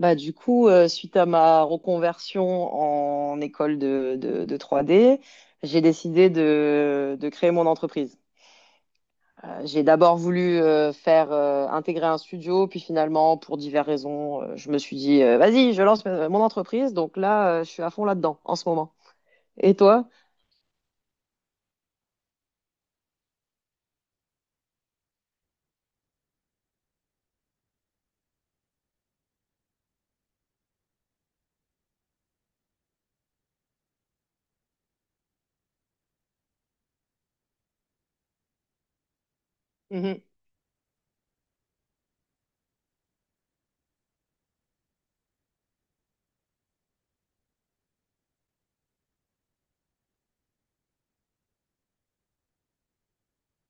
Suite à ma reconversion en école de 3D, j'ai décidé de créer mon entreprise. J'ai d'abord voulu faire intégrer un studio, puis finalement, pour diverses raisons, je me suis dit, vas-y, je lance mon entreprise. Donc là, je suis à fond là-dedans en ce moment. Et toi? Mhm.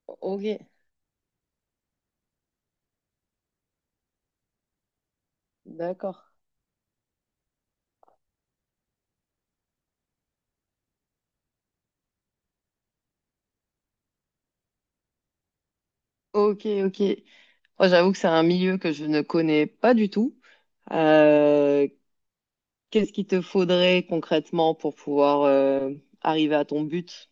Ok, d'accord. Ok, ok. Moi, j'avoue que c'est un milieu que je ne connais pas du tout. Euh, Qu'est-ce qu'il te faudrait concrètement pour pouvoir arriver à ton but?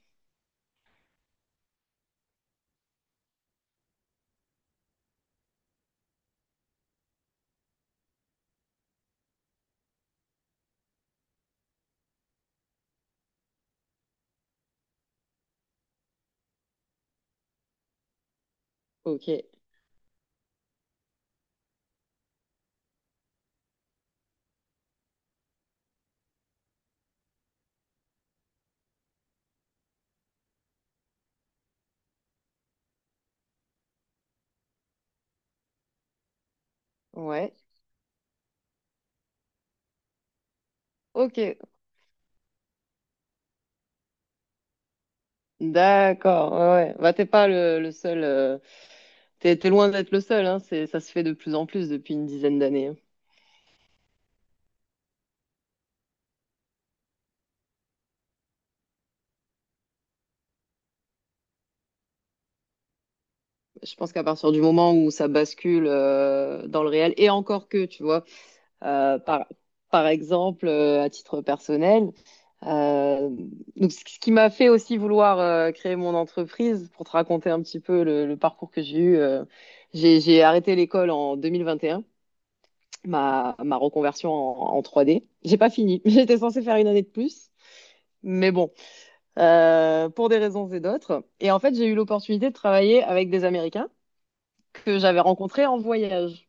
Ok, ouais, ok, d'accord, ouais, ouais. Bah, t'es pas le seul, t'es loin d'être le seul, hein, c'est, ça se fait de plus en plus depuis une dizaine d'années. Hein. Je pense qu'à partir du moment où ça bascule dans le réel, et encore que, tu vois, euh, par, par exemple, à titre personnel. Euh, donc, ce qui m'a fait aussi vouloir créer mon entreprise, pour te raconter un petit peu le parcours que j'ai eu, j'ai arrêté l'école en 2021, ma reconversion en 3D. J'ai pas fini, j'étais censée faire une année de plus, mais bon, pour des raisons et d'autres. Et en fait, j'ai eu l'opportunité de travailler avec des Américains que j'avais rencontrés en voyage.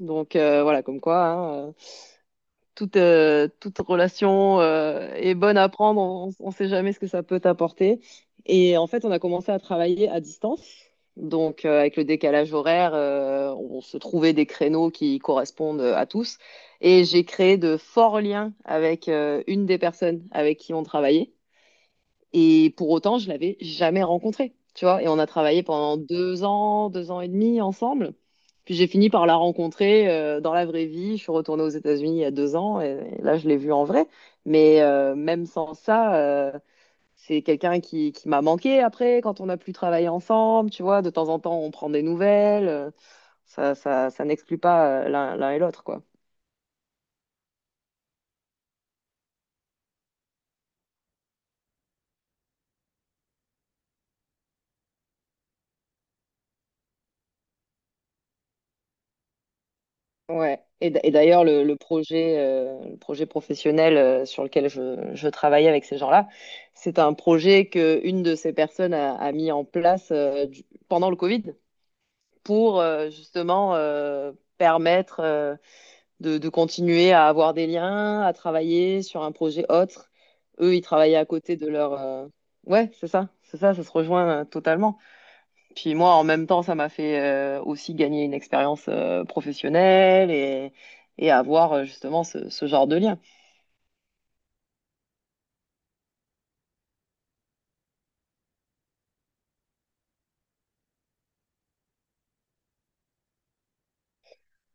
Donc voilà, comme quoi, hein, toute relation est bonne à prendre, on ne sait jamais ce que ça peut t'apporter. Et en fait, on a commencé à travailler à distance. Donc, avec le décalage horaire, on se trouvait des créneaux qui correspondent à tous. Et j'ai créé de forts liens avec une des personnes avec qui on travaillait. Et pour autant, je l'avais jamais rencontrée, tu vois. Et on a travaillé pendant deux ans et demi ensemble. Puis j'ai fini par la rencontrer dans la vraie vie. Je suis retournée aux États-Unis il y a deux ans et là, je l'ai vue en vrai. Mais même sans ça, c'est quelqu'un qui m'a manqué après, quand on n'a plus travaillé ensemble, tu vois. De temps en temps, on prend des nouvelles. Ça n'exclut pas l'un et l'autre, quoi. Ouais. Et d'ailleurs, le projet professionnel sur lequel je travaille avec ces gens-là, c'est un projet que une de ces personnes a mis en place pendant le Covid pour justement permettre de continuer à avoir des liens, à travailler sur un projet autre. Eux, ils travaillaient à côté de leur. Ouais, c'est ça, ça se rejoint totalement. Puis moi, en même temps, ça m'a fait aussi gagner une expérience professionnelle et avoir justement ce genre de lien.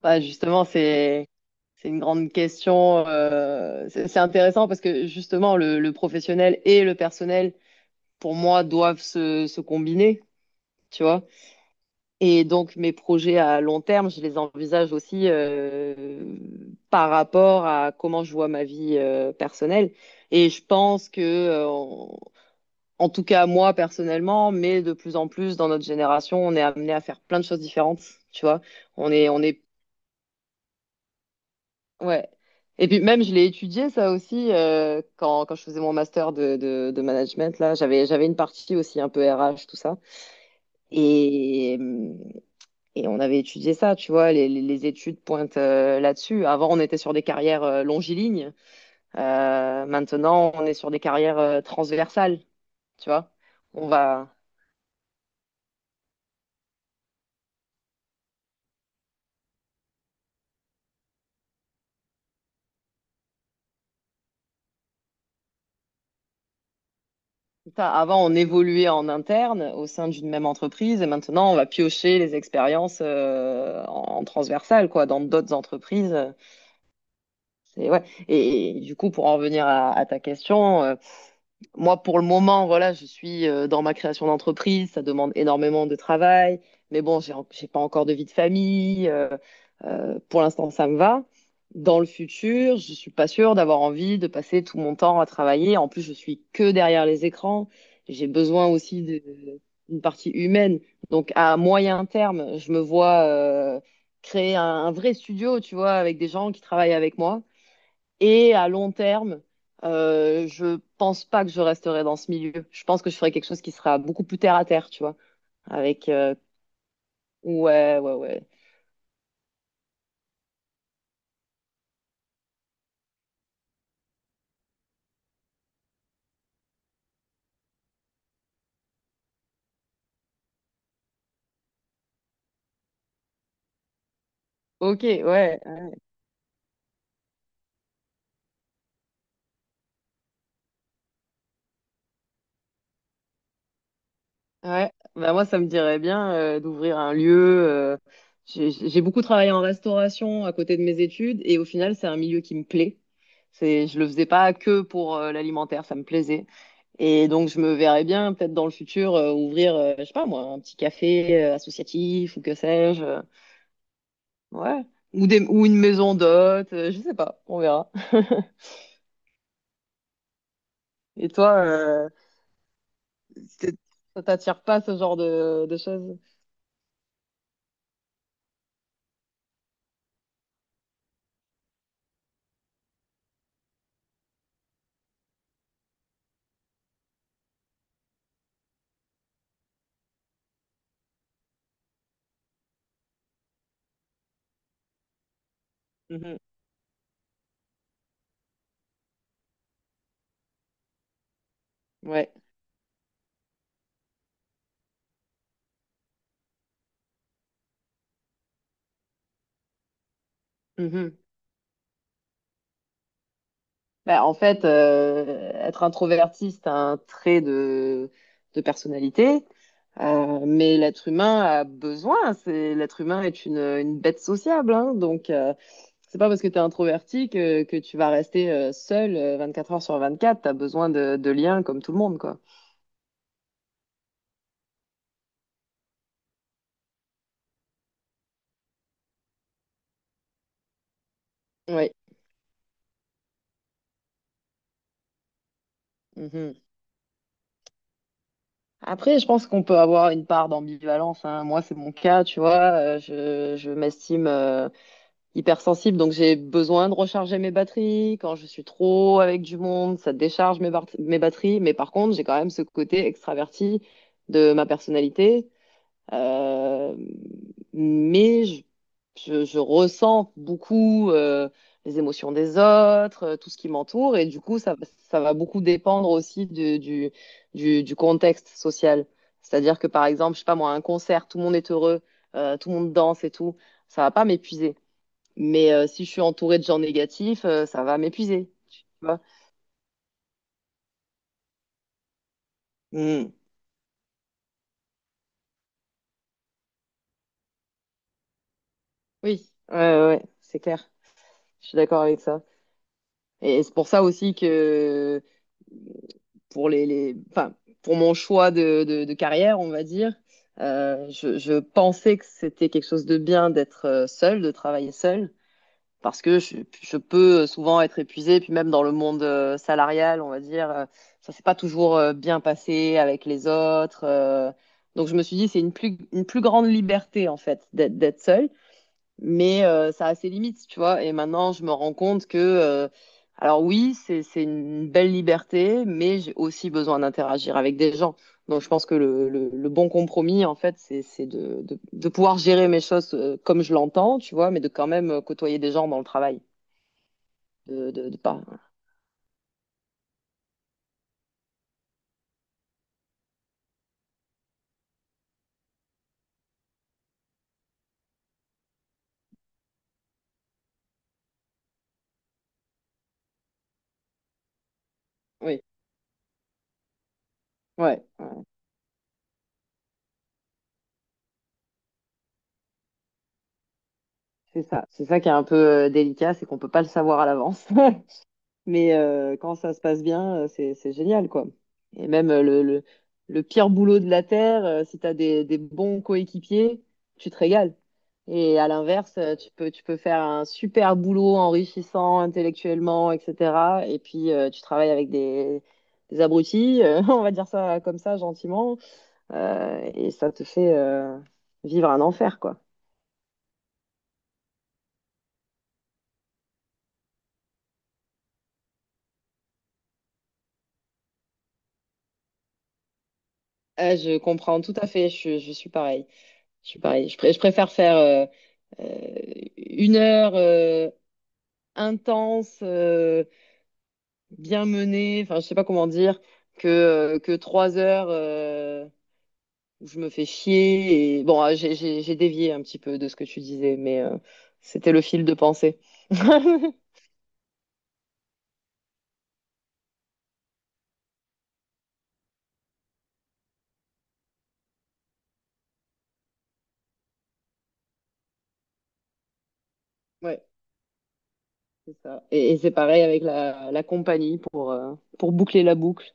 Bah, justement, c'est une grande question. C'est intéressant parce que justement, le professionnel et le personnel, pour moi, doivent se combiner, tu vois. Et donc, mes projets à long terme, je les envisage aussi par rapport à comment je vois ma vie personnelle. Et je pense que en tout cas moi personnellement, mais de plus en plus dans notre génération, on est amené à faire plein de choses différentes, tu vois. On est, on est, ouais. Et puis même, je l'ai étudié ça aussi quand je faisais mon master de management là, j'avais une partie aussi un peu RH tout ça et et on avait étudié ça, tu vois, les études pointent là-dessus. Avant, on était sur des carrières longilignes. Maintenant on est sur des carrières transversales, tu vois. On va C'est ça. Avant, on évoluait en interne au sein d'une même entreprise et maintenant, on va piocher les expériences en transversal, quoi, dans d'autres entreprises. C'est, ouais. Et du coup, pour en revenir à ta question, moi, pour le moment, voilà, je suis dans ma création d'entreprise. Ça demande énormément de travail. Mais bon, j'ai pas encore de vie de famille. Pour l'instant, ça me va. Dans le futur, je suis pas sûre d'avoir envie de passer tout mon temps à travailler. En plus, je suis que derrière les écrans. J'ai besoin aussi d'une partie humaine. Donc, à moyen terme, je me vois créer un vrai studio, tu vois, avec des gens qui travaillent avec moi et à long terme, je pense pas que je resterai dans ce milieu. Je pense que je ferai quelque chose qui sera beaucoup plus terre à terre, tu vois. Avec Ouais, ouais, ouais. Ok, ouais, ouais. Bah moi, ça me dirait bien d'ouvrir un lieu. J'ai beaucoup travaillé en restauration à côté de mes études et au final, c'est un milieu qui me plaît. C'est, je le faisais pas que pour l'alimentaire, ça me plaisait. Et donc, je me verrais bien peut-être dans le futur ouvrir, je sais pas moi, un petit café associatif ou que sais-je. Ouais. Ou une maison d'hôte, je sais pas, on verra. Et toi, c'est- ça t'attire pas ce genre de choses? Mhm. Ouais. Mhm. Bah, en fait, être introverti, c'est un trait de personnalité. Mais l'être humain a besoin. L'être humain est une bête sociable, hein. Donc c'est pas parce que tu es introverti que tu vas rester seul 24 heures sur 24. Tu as besoin de liens comme tout le monde, quoi. Oui. Après, je pense qu'on peut avoir une part d'ambivalence, hein. Moi, c'est mon cas, tu vois. Je m'estime hypersensible, donc j'ai besoin de recharger mes batteries. Quand je suis trop avec du monde, ça décharge mes batteries. Mais par contre, j'ai quand même ce côté extraverti de ma personnalité euh, mais je ressens beaucoup les émotions des autres, tout ce qui m'entoure, et du coup, ça va beaucoup dépendre aussi du contexte social. C'est-à-dire que, par exemple, je sais pas moi, un concert, tout le monde est heureux, tout le monde danse et tout, ça va pas m'épuiser. Mais si je suis entourée de gens négatifs, ça va m'épuiser. Tu vois? Mm. Oui, ouais, ouais, ouais, c'est clair. Je suis d'accord avec ça. Et c'est pour ça aussi que pour, les enfin, pour mon choix de carrière, on va dire. Je pensais que c'était quelque chose de bien d'être seul, de travailler seul, parce que je peux souvent être épuisée, puis même dans le monde salarial, on va dire, ça s'est pas toujours bien passé avec les autres. Donc je me suis dit, c'est une plus grande liberté en fait d'être seule mais ça a ses limites, tu vois. Et maintenant, je me rends compte que, alors oui, c'est une belle liberté, mais j'ai aussi besoin d'interagir avec des gens. Donc, je pense que le bon compromis, en fait, c'est de pouvoir gérer mes choses comme je l'entends, tu vois, mais de quand même côtoyer des gens dans le travail. De pas. Oui, ouais, ouais, c'est ça. C'est ça qui est un peu délicat, c'est qu'on peut pas le savoir à l'avance. Mais quand ça se passe bien, c'est génial, quoi. Et même le pire boulot de la Terre, si tu as des bons coéquipiers, tu te régales. Et à l'inverse, tu peux faire un super boulot enrichissant intellectuellement, etc. Et puis, tu travailles avec des abrutis, on va dire ça comme ça, gentiment, et ça te fait vivre un enfer, quoi. Ah, je comprends tout à fait, je suis pareil. Je suis pareil. Je préfère faire euh, une heure intense, bien menée, enfin je sais pas comment dire, que trois heures où je me fais chier. Bon, ah, j'ai dévié un petit peu de ce que tu disais, mais c'était le fil de pensée. Ouais, c'est ça. Et c'est pareil avec la compagnie pour boucler la boucle.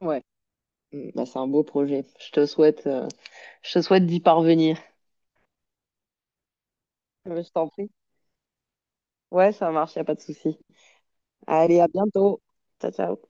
Ouais, mm, bah, c'est un beau projet. Je te souhaite d'y parvenir. Je t'en prie. Ouais, ça marche, y a pas de souci. Allez, à bientôt. Ciao, ciao.